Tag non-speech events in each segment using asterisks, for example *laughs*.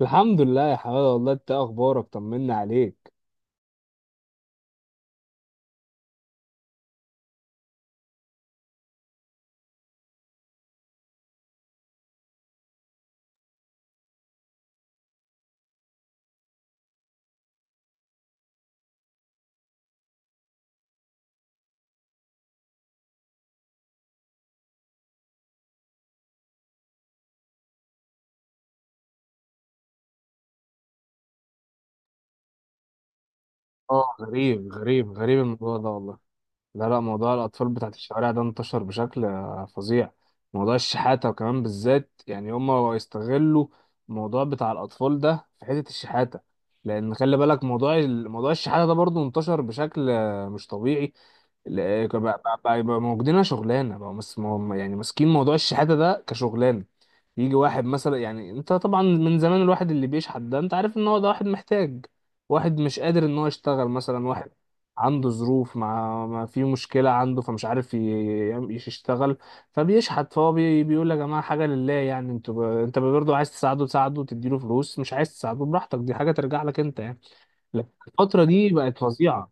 الحمد لله يا حماده، والله انت إيه اخبارك؟ طمنا عليك. اه، غريب غريب غريب الموضوع ده والله. لا لا، موضوع الأطفال بتاعت الشوارع ده انتشر بشكل فظيع. موضوع الشحاتة وكمان بالذات، يعني هما يستغلوا الموضوع بتاع الأطفال ده في حتة الشحاتة. لأن خلي بالك، موضوع الشحاتة ده برضه انتشر بشكل مش طبيعي. بقى موجودين شغلانة، بقى يعني ماسكين موضوع الشحاتة ده كشغلانة. يجي واحد مثلا، يعني انت طبعا من زمان الواحد اللي بيشحت ده انت عارف ان هو ده واحد محتاج، واحد مش قادر ان هو يشتغل، مثلا واحد عنده ظروف، مع ما في مشكلة عنده فمش عارف يشتغل، فبيشحت. فهو بيقول يا جماعة حاجة لله. يعني انت برضه عايز تساعده تساعده وتديله فلوس، مش عايز تساعده براحتك، دي حاجة ترجع لك انت يعني. لكن الفترة دي بقت فظيعة.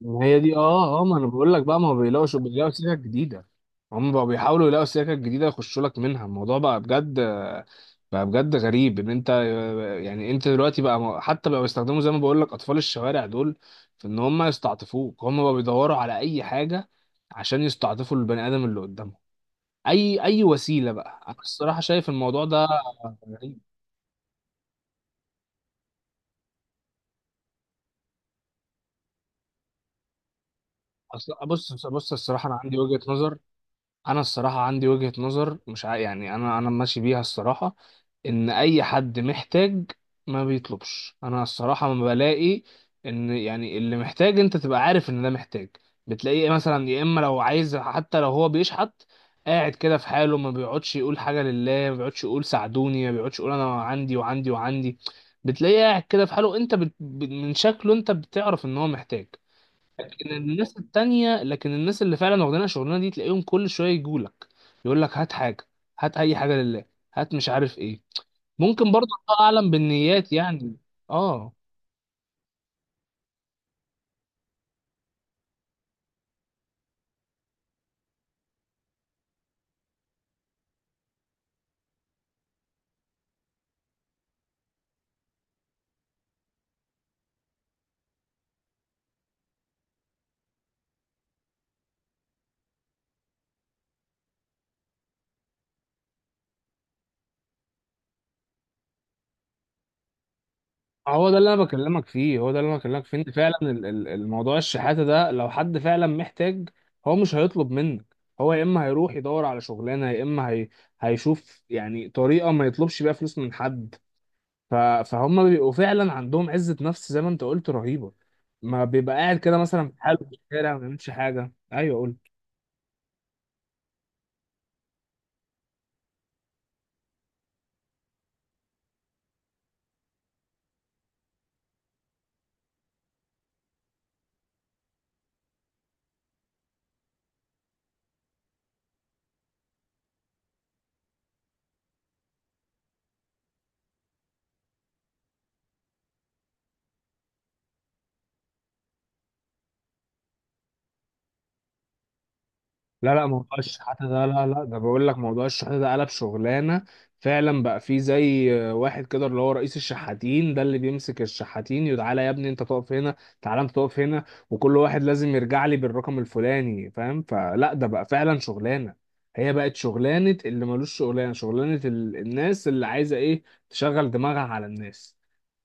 ما هي دي، اه اه، ما انا بقول لك بقى، ما هو بيلاقوش، بيلاقوا سكك جديده. هم بقوا بيحاولوا يلاقوا سكك جديده يخشوا لك منها. الموضوع بقى بجد، بقى بجد غريب. ان انت يعني انت دلوقتي بقى حتى بقى بيستخدموا زي ما بقول لك اطفال الشوارع دول في ان هم يستعطفوك. هم بقى بيدوروا على اي حاجه عشان يستعطفوا البني ادم اللي قدامهم. اي اي وسيله بقى، انا الصراحه شايف الموضوع ده غريب. اصل بص بص، الصراحه انا عندي وجهه نظر، انا الصراحه عندي وجهه نظر مش عا... يعني انا ماشي بيها الصراحه، ان اي حد محتاج ما بيطلبش. انا الصراحه ما بلاقي ان يعني اللي محتاج انت تبقى عارف ان ده محتاج. بتلاقيه مثلا، يا اما لو عايز حتى لو هو بيشحت، قاعد كده في حاله، ما بيقعدش يقول حاجه لله، ما بيقعدش يقول ساعدوني، ما بيقعدش يقول انا عندي وعندي وعندي. بتلاقيه قاعد كده في حاله، انت من شكله انت بتعرف ان هو محتاج. لكن الناس اللي فعلا واخدين الشغلانه دي، تلاقيهم كل شويه يجولك، يقول لك هات حاجه، هات اي حاجه لله، هات مش عارف ايه. ممكن برضه الله اعلم بالنيات يعني. اه، هو ده اللي انا بكلمك فيه، هو ده اللي انا بكلمك فيه. ان فعلا الموضوع الشحاته ده، لو حد فعلا محتاج هو مش هيطلب منك. هو يا اما هيروح يدور على شغلانه، يا اما هيشوف يعني طريقه ما يطلبش بيها فلوس من حد. ف... فهم بيبقوا فعلا عندهم عزه نفس زي ما انت قلت رهيبه. ما بيبقى قاعد كده مثلا في حاله في الشارع ما بيعملش حاجه. ايوه قول. لا لا، موضوع الشحاتة ده، لا لا، ده بقول لك موضوع الشحاتة ده قلب شغلانة فعلا. بقى فيه زي واحد كده اللي هو رئيس الشحاتين ده، اللي بيمسك الشحاتين: يتعالى يا ابني انت تقف هنا، تعالى انت تقف هنا، وكل واحد لازم يرجع لي بالرقم الفلاني، فاهم؟ فلا ده بقى فعلا شغلانة، هي بقت شغلانة اللي ملوش شغلانة. شغلانة الناس اللي عايزة ايه تشغل دماغها على الناس.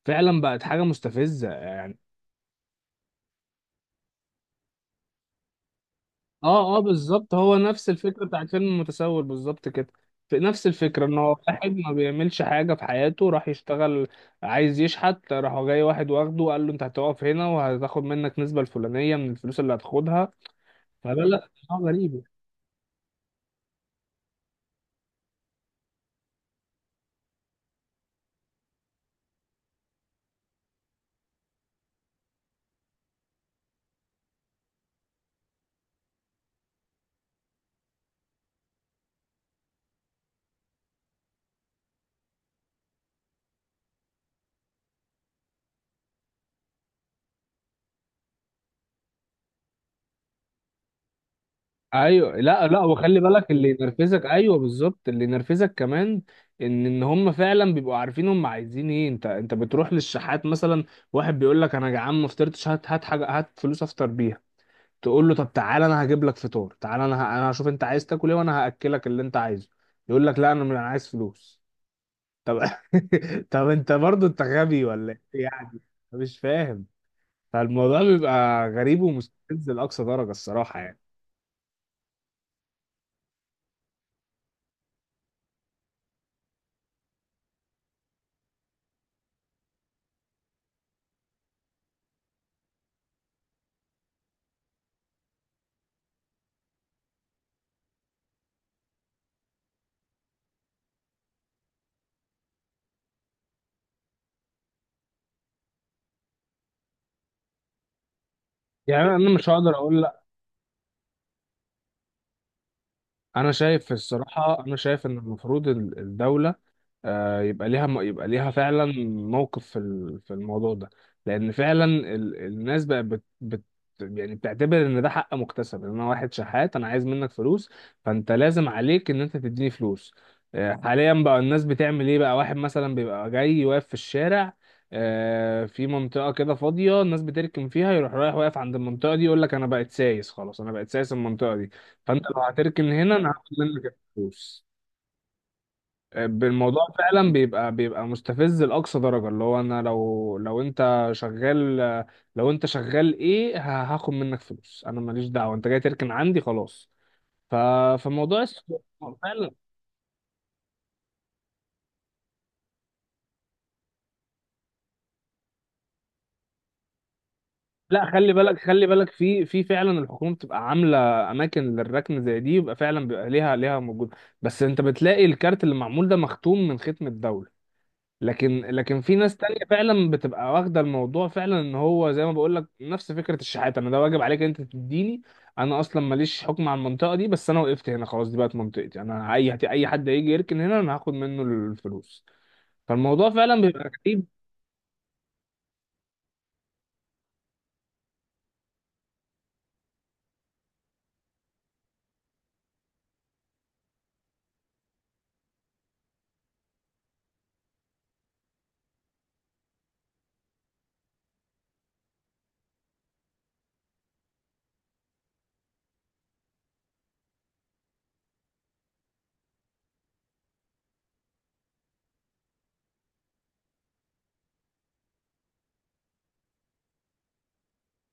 فعلا بقت حاجة مستفزة يعني. اه اه، بالظبط، هو نفس الفكرة بتاعت فيلم المتسول بالظبط كده. في نفس الفكرة ان هو واحد ما بيعملش حاجة في حياته، راح يشتغل، عايز يشحت، راح جاي واحد واخده وقال له انت هتقف هنا وهتاخد منك نسبة الفلانية من الفلوس اللي هتاخدها. فلا لا غريب. ايوه، لا لا، وخلي بالك اللي ينرفزك، ايوه بالظبط، اللي ينرفزك كمان ان هم فعلا بيبقوا عارفين هم عايزين ايه. انت بتروح للشحات مثلا، واحد بيقول لك انا جعان ما فطرتش، هات هات حاجه، هات فلوس افطر بيها. تقول له طب تعالى انا هجيب لك فطار، تعالى انا هشوف انت عايز تاكل ايه وانا هاكلك اللي انت عايزه. يقول لك لا، انا مش- انا عايز فلوس. طب *laughs* طب انت برضو انت غبي ولا ايه يعني؟ مش فاهم. فالموضوع بيبقى غريب ومستفز لاقصى درجه الصراحه يعني. يعني انا مش هقدر اقول لا، انا شايف الصراحه، انا شايف ان المفروض الدوله يبقى ليها، يبقى ليها فعلا موقف في في الموضوع ده. لان فعلا الناس بقى بت يعني بتعتبر ان ده حق مكتسب، ان انا واحد شحات انا عايز منك فلوس، فانت لازم عليك ان انت تديني فلوس. حاليا بقى الناس بتعمل ايه بقى؟ واحد مثلا بيبقى جاي واقف في الشارع، في منطقة كده فاضية الناس بتركن فيها، يروح رايح واقف عند المنطقة دي يقول لك انا بقيت سايس، خلاص انا بقيت سايس المنطقة دي، فانت لو هتركن هنا انا هاخد منك الفلوس. بالموضوع فعلا بيبقى مستفز لأقصى درجة. اللي هو انا لو انت شغال، لو انت شغال ايه هاخد منك فلوس؟ انا ماليش دعوة، انت جاي تركن عندي خلاص. ف فموضوع الس- فعلا، لا خلي بالك، خلي بالك في في فعلا الحكومة بتبقى عاملة اماكن للركن زي دي، يبقى فعلا بيبقى ليها، ليها موجود. بس انت بتلاقي الكارت اللي معمول ده مختوم من ختم الدولة. لكن في ناس تانية فعلا بتبقى واخدة الموضوع فعلا ان هو زي ما بقول لك نفس فكرة الشحات: انا ده واجب عليك انت تديني، انا اصلا ماليش حكم على المنطقة دي بس انا وقفت هنا خلاص، دي بقت منطقتي انا، اي اي حد هيجي يركن هنا انا هاخد منه الفلوس. فالموضوع فعلا بيبقى غريب.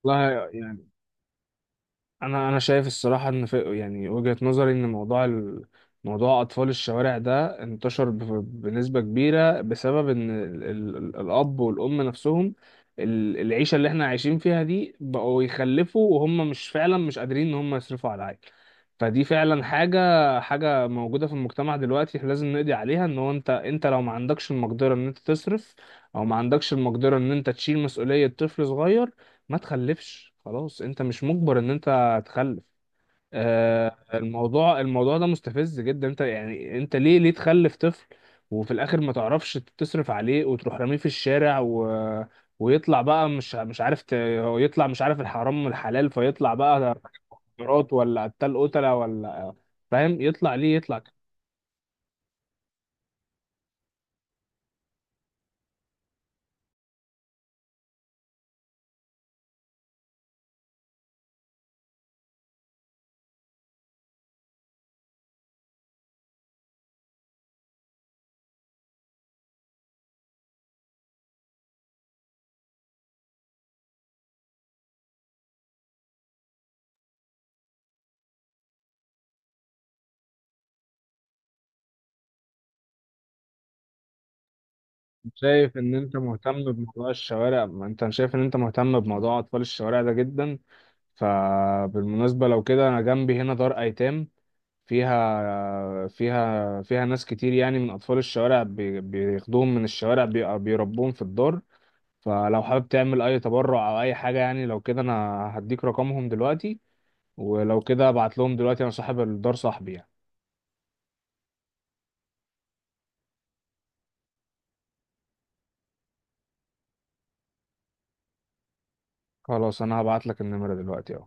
والله انا شايف الصراحه ان في يعني وجهه نظري، ان موضوع موضوع اطفال الشوارع ده انتشر بنسبه كبيره بسبب ان الاب والام نفسهم، العيشه اللي احنا عايشين فيها دي بقوا يخلفوا وهم مش فعلا مش قادرين ان هم يصرفوا على العيل. فدي فعلا حاجه، حاجه موجوده في المجتمع دلوقتي إحنا لازم نقضي عليها. ان هو انت، لو ما عندكش المقدره ان انت تصرف، او ما عندكش المقدره ان انت تشيل مسؤوليه طفل صغير، ما تخلفش خلاص، انت مش مجبر ان انت هتخلف. الموضوع، الموضوع ده مستفز جدا. انت يعني انت ليه تخلف طفل وفي الاخر ما تعرفش تصرف عليه وتروح راميه في الشارع ويطلع بقى مش عارف هو يطلع مش عارف الحرام من الحلال، فيطلع بقى ده مخدرات، ولا قتال، قتلة، ولا، فاهم؟ يطلع ليه يطلع. شايف ان انت مهتم بموضوع الشوارع، ما انت شايف ان انت مهتم بموضوع اطفال الشوارع ده جدا، فبالمناسبة لو كده انا جنبي هنا دار ايتام فيها ناس كتير يعني من اطفال الشوارع، بياخدوهم من الشوارع، بيربوهم في الدار. فلو حابب تعمل اي تبرع او اي حاجة يعني، لو كده انا هديك رقمهم دلوقتي، ولو كده ابعت لهم دلوقتي، انا صاحب الدار صاحبي يعني. خلاص انا هبعت لك النمرة دلوقتي اهو.